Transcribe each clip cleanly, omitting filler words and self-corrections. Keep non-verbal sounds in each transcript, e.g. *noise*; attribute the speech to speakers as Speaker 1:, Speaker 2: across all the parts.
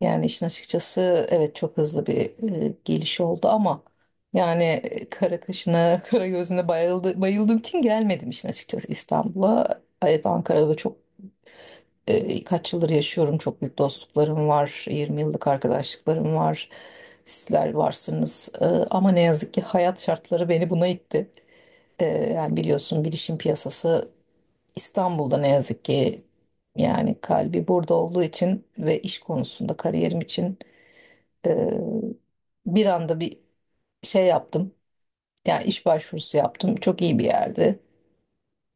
Speaker 1: Yani işin açıkçası evet çok hızlı bir geliş oldu ama yani kara kaşına, *laughs* kara gözüne bayıldığım için gelmedim işin açıkçası İstanbul'a. Evet Ankara'da çok kaç yıldır yaşıyorum. Çok büyük dostluklarım var. 20 yıllık arkadaşlıklarım var. Sizler varsınız. Ama ne yazık ki hayat şartları beni buna itti. Yani biliyorsun bilişim piyasası İstanbul'da ne yazık ki yani kalbi burada olduğu için ve iş konusunda kariyerim için ee, bir anda şey yaptım. Yani iş başvurusu yaptım. Çok iyi bir yerde.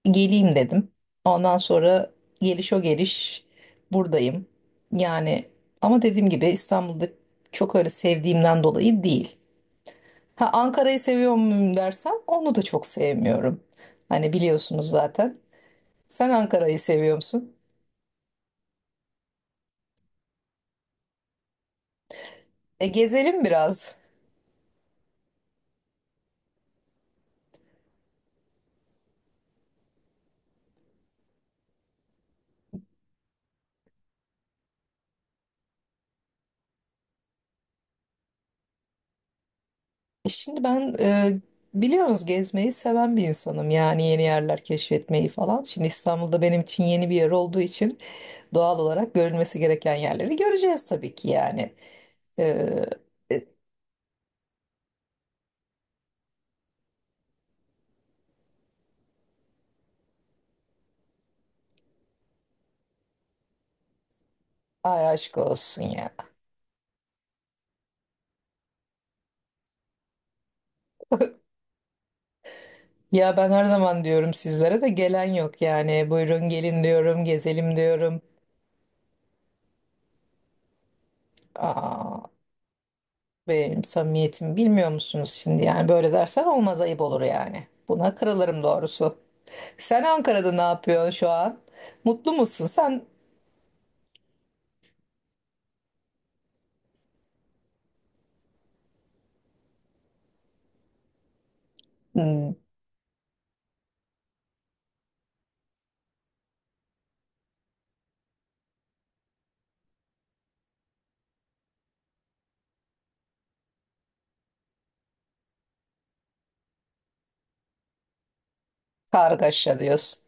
Speaker 1: Geleyim dedim. Ondan sonra geliş o geliş buradayım. Yani ama dediğim gibi İstanbul'da çok öyle sevdiğimden dolayı değil. Ha Ankara'yı seviyor muyum dersen onu da çok sevmiyorum. Hani biliyorsunuz zaten. Sen Ankara'yı seviyor musun? E gezelim biraz. Şimdi biliyorsunuz gezmeyi seven bir insanım. Yani yeni yerler keşfetmeyi falan. Şimdi İstanbul'da benim için yeni bir yer olduğu için doğal olarak görülmesi gereken yerleri göreceğiz tabii ki yani. E, e, ay aşk olsun ya. Ya ben her zaman diyorum sizlere de gelen yok yani. Buyurun gelin diyorum, gezelim diyorum. Aa, benim samimiyetim bilmiyor musunuz şimdi? Yani böyle dersen olmaz ayıp olur yani. Buna kırılırım doğrusu. Sen Ankara'da ne yapıyorsun şu an? Mutlu musun? Hmm, kargaşa diyorsun.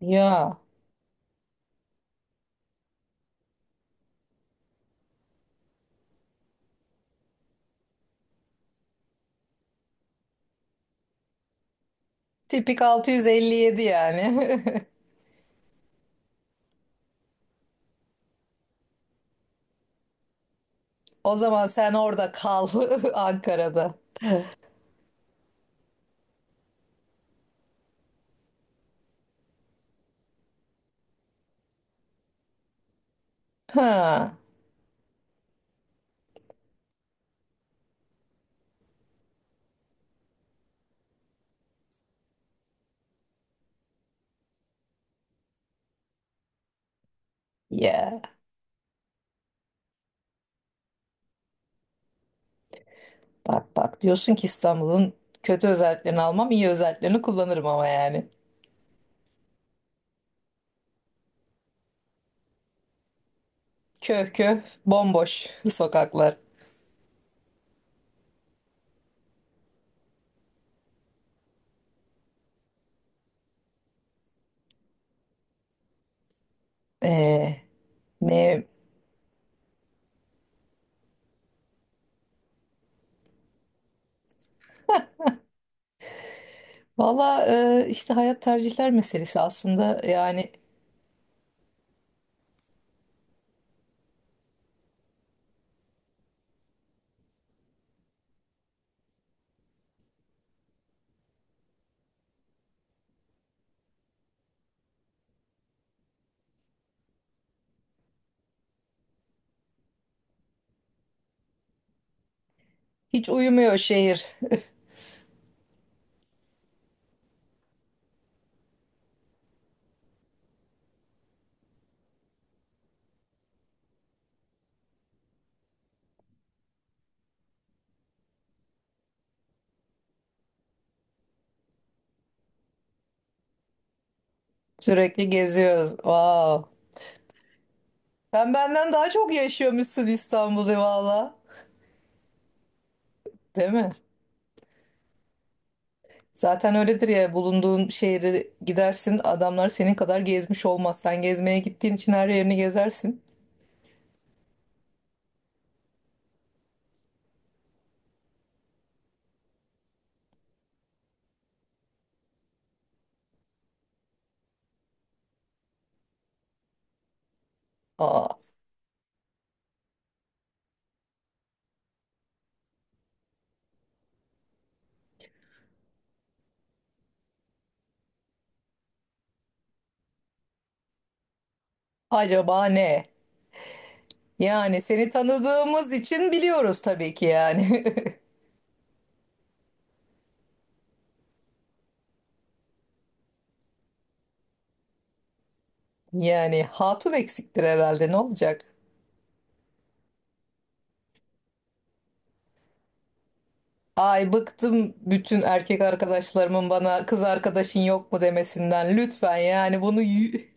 Speaker 1: Ya tipik 657 yani. *laughs* O zaman sen orada kal. *laughs* Ankara'da. Ha, ya bak bak diyorsun ki İstanbul'un kötü özelliklerini almam iyi özelliklerini kullanırım ama yani. Köh köh bomboş *laughs* sokaklar. Ee, ne valla işte hayat tercihler meselesi aslında yani hiç uyumuyor şehir. *laughs* Sürekli geziyoruz. Wow. Sen benden daha çok yaşıyormuşsun İstanbul'da valla. Değil mi? Zaten öyledir ya bulunduğun şehre gidersin adamlar senin kadar gezmiş olmaz. Sen gezmeye gittiğin için her yerini gezersin. Aa, acaba ne? Yani seni tanıdığımız için biliyoruz tabii ki yani. *laughs* Yani hatun eksiktir herhalde ne olacak? Ay bıktım bütün erkek arkadaşlarımın bana kız arkadaşın yok mu demesinden. Lütfen yani bunu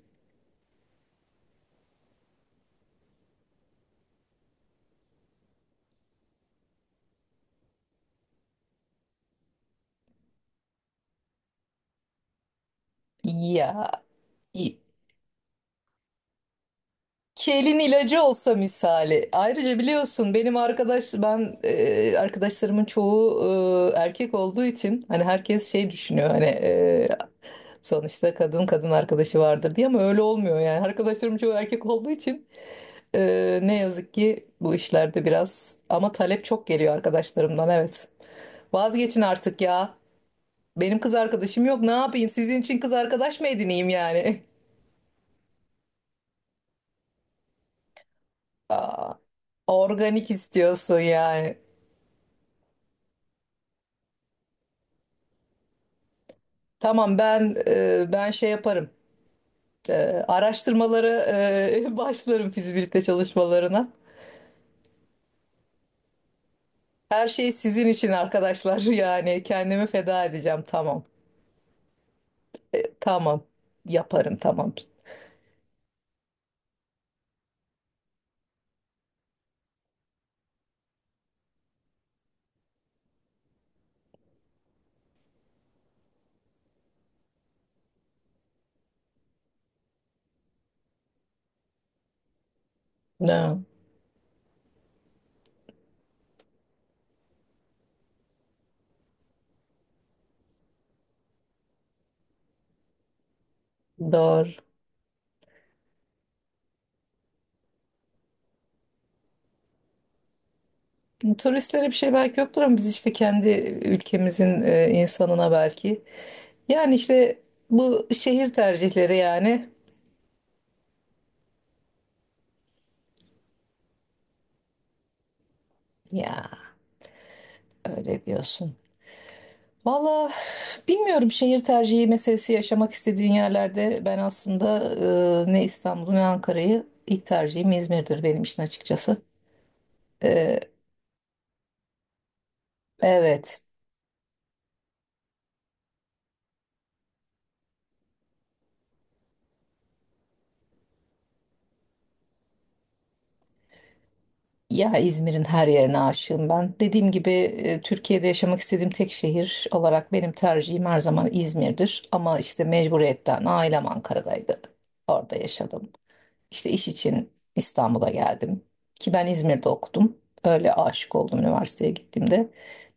Speaker 1: *laughs* ya. İki elin ilacı olsa misali. Ayrıca biliyorsun ben arkadaşlarımın çoğu erkek olduğu için hani herkes şey düşünüyor hani sonuçta kadın arkadaşı vardır diye ama öyle olmuyor yani. Arkadaşlarım çoğu erkek olduğu için ne yazık ki bu işlerde biraz ama talep çok geliyor arkadaşlarımdan evet. Vazgeçin artık ya. Benim kız arkadaşım yok. Ne yapayım? Sizin için kız arkadaş mı edineyim yani? *laughs* Aa, organik istiyorsun yani. Tamam ben şey yaparım. E, araştırmalara *laughs* başlarım fizibilite çalışmalarına. Her şey sizin için arkadaşlar. *laughs* Yani kendimi feda edeceğim. Tamam. Tamam. Yaparım tamam. Ne? Doğru. Turistlere bir şey belki yoktur ama biz işte kendi ülkemizin insanına belki. Yani işte bu şehir tercihleri yani. Ya öyle diyorsun. Valla bilmiyorum şehir tercihi meselesi yaşamak istediğin yerlerde ben aslında ne İstanbul'u ne Ankara'yı ilk tercihim İzmir'dir benim için açıkçası. E, evet, ya İzmir'in her yerine aşığım ben. Dediğim gibi Türkiye'de yaşamak istediğim tek şehir olarak benim tercihim her zaman İzmir'dir. Ama işte mecburiyetten ailem Ankara'daydı. Orada yaşadım. İşte iş için İstanbul'a geldim. Ki ben İzmir'de okudum. Öyle aşık oldum üniversiteye gittiğimde.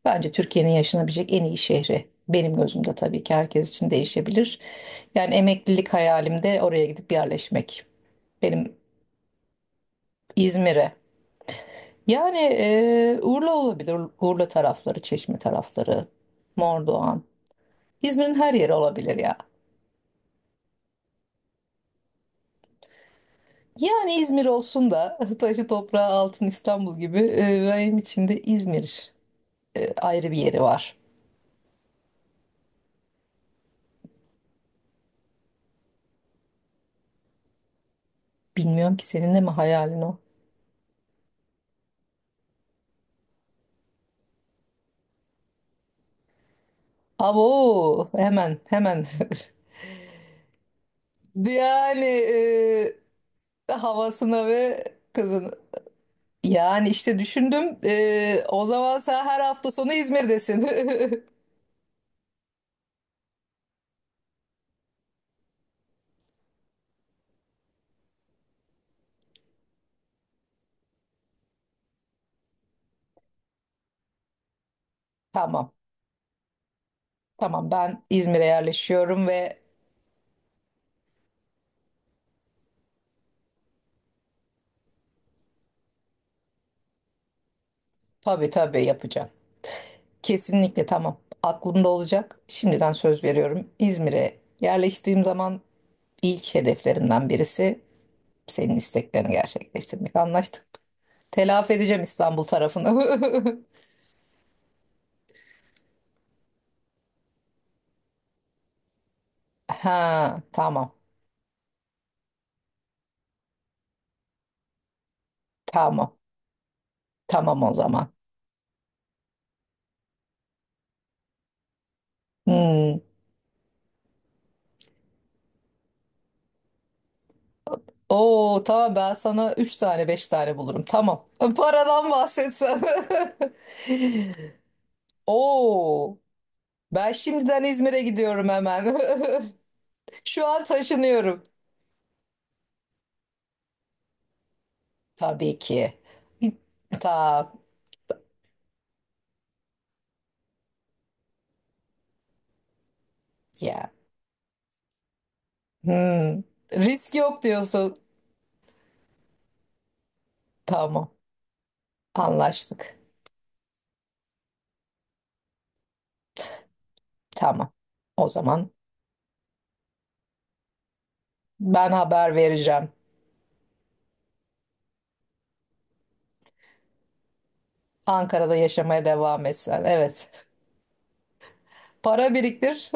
Speaker 1: Bence Türkiye'nin yaşanabilecek en iyi şehri. Benim gözümde tabii ki herkes için değişebilir. Yani emeklilik hayalim de oraya gidip yerleşmek. Benim İzmir'e. Yani Urla olabilir. Urla tarafları, Çeşme tarafları, Mordoğan. İzmir'in her yeri olabilir ya. Yani İzmir olsun da *laughs* taşı toprağı altın İstanbul gibi benim için de İzmir ayrı bir yeri var. Bilmiyorum ki senin de mi hayalin o? Abo hemen hemen *laughs* yani havasına ve kızın. Yani işte düşündüm o zaman sen her hafta sonu İzmir'desin. *laughs* Tamam tamam ben İzmir'e yerleşiyorum ve tabii tabii yapacağım. Kesinlikle tamam aklımda olacak. Şimdiden söz veriyorum İzmir'e yerleştiğim zaman ilk hedeflerimden birisi senin isteklerini gerçekleştirmek. Anlaştık. Telafi edeceğim İstanbul tarafını. *laughs* Ha, tamam. Tamam. Tamam o zaman. Hmm. Oo, tamam ben sana 3 tane 5 tane bulurum. Tamam. Paradan bahsetsen. *laughs* Oo, ben şimdiden İzmir'e gidiyorum hemen. *laughs* Şu an taşınıyorum. Tabii ki. Ta ya. Hmm. Risk yok diyorsun. Tamam. Anlaştık. Tamam. O zaman ben haber vereceğim. Ankara'da yaşamaya devam etsen. Evet. Para biriktir.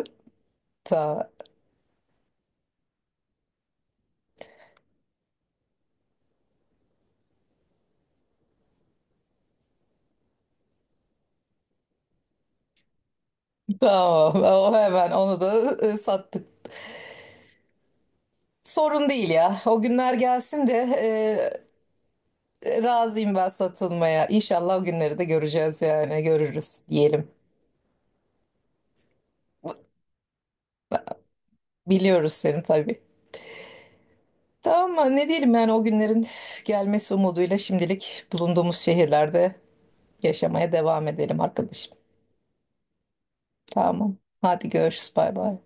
Speaker 1: Ta, tamam. O hemen onu da sattık. Sorun değil ya. O günler gelsin de razıyım ben satılmaya. İnşallah o günleri de göreceğiz yani. Görürüz diyelim. Biliyoruz seni tabii. Tamam mı? Ne diyelim yani o günlerin gelmesi umuduyla şimdilik bulunduğumuz şehirlerde yaşamaya devam edelim arkadaşım. Tamam. Hadi görüşürüz. Bay bay.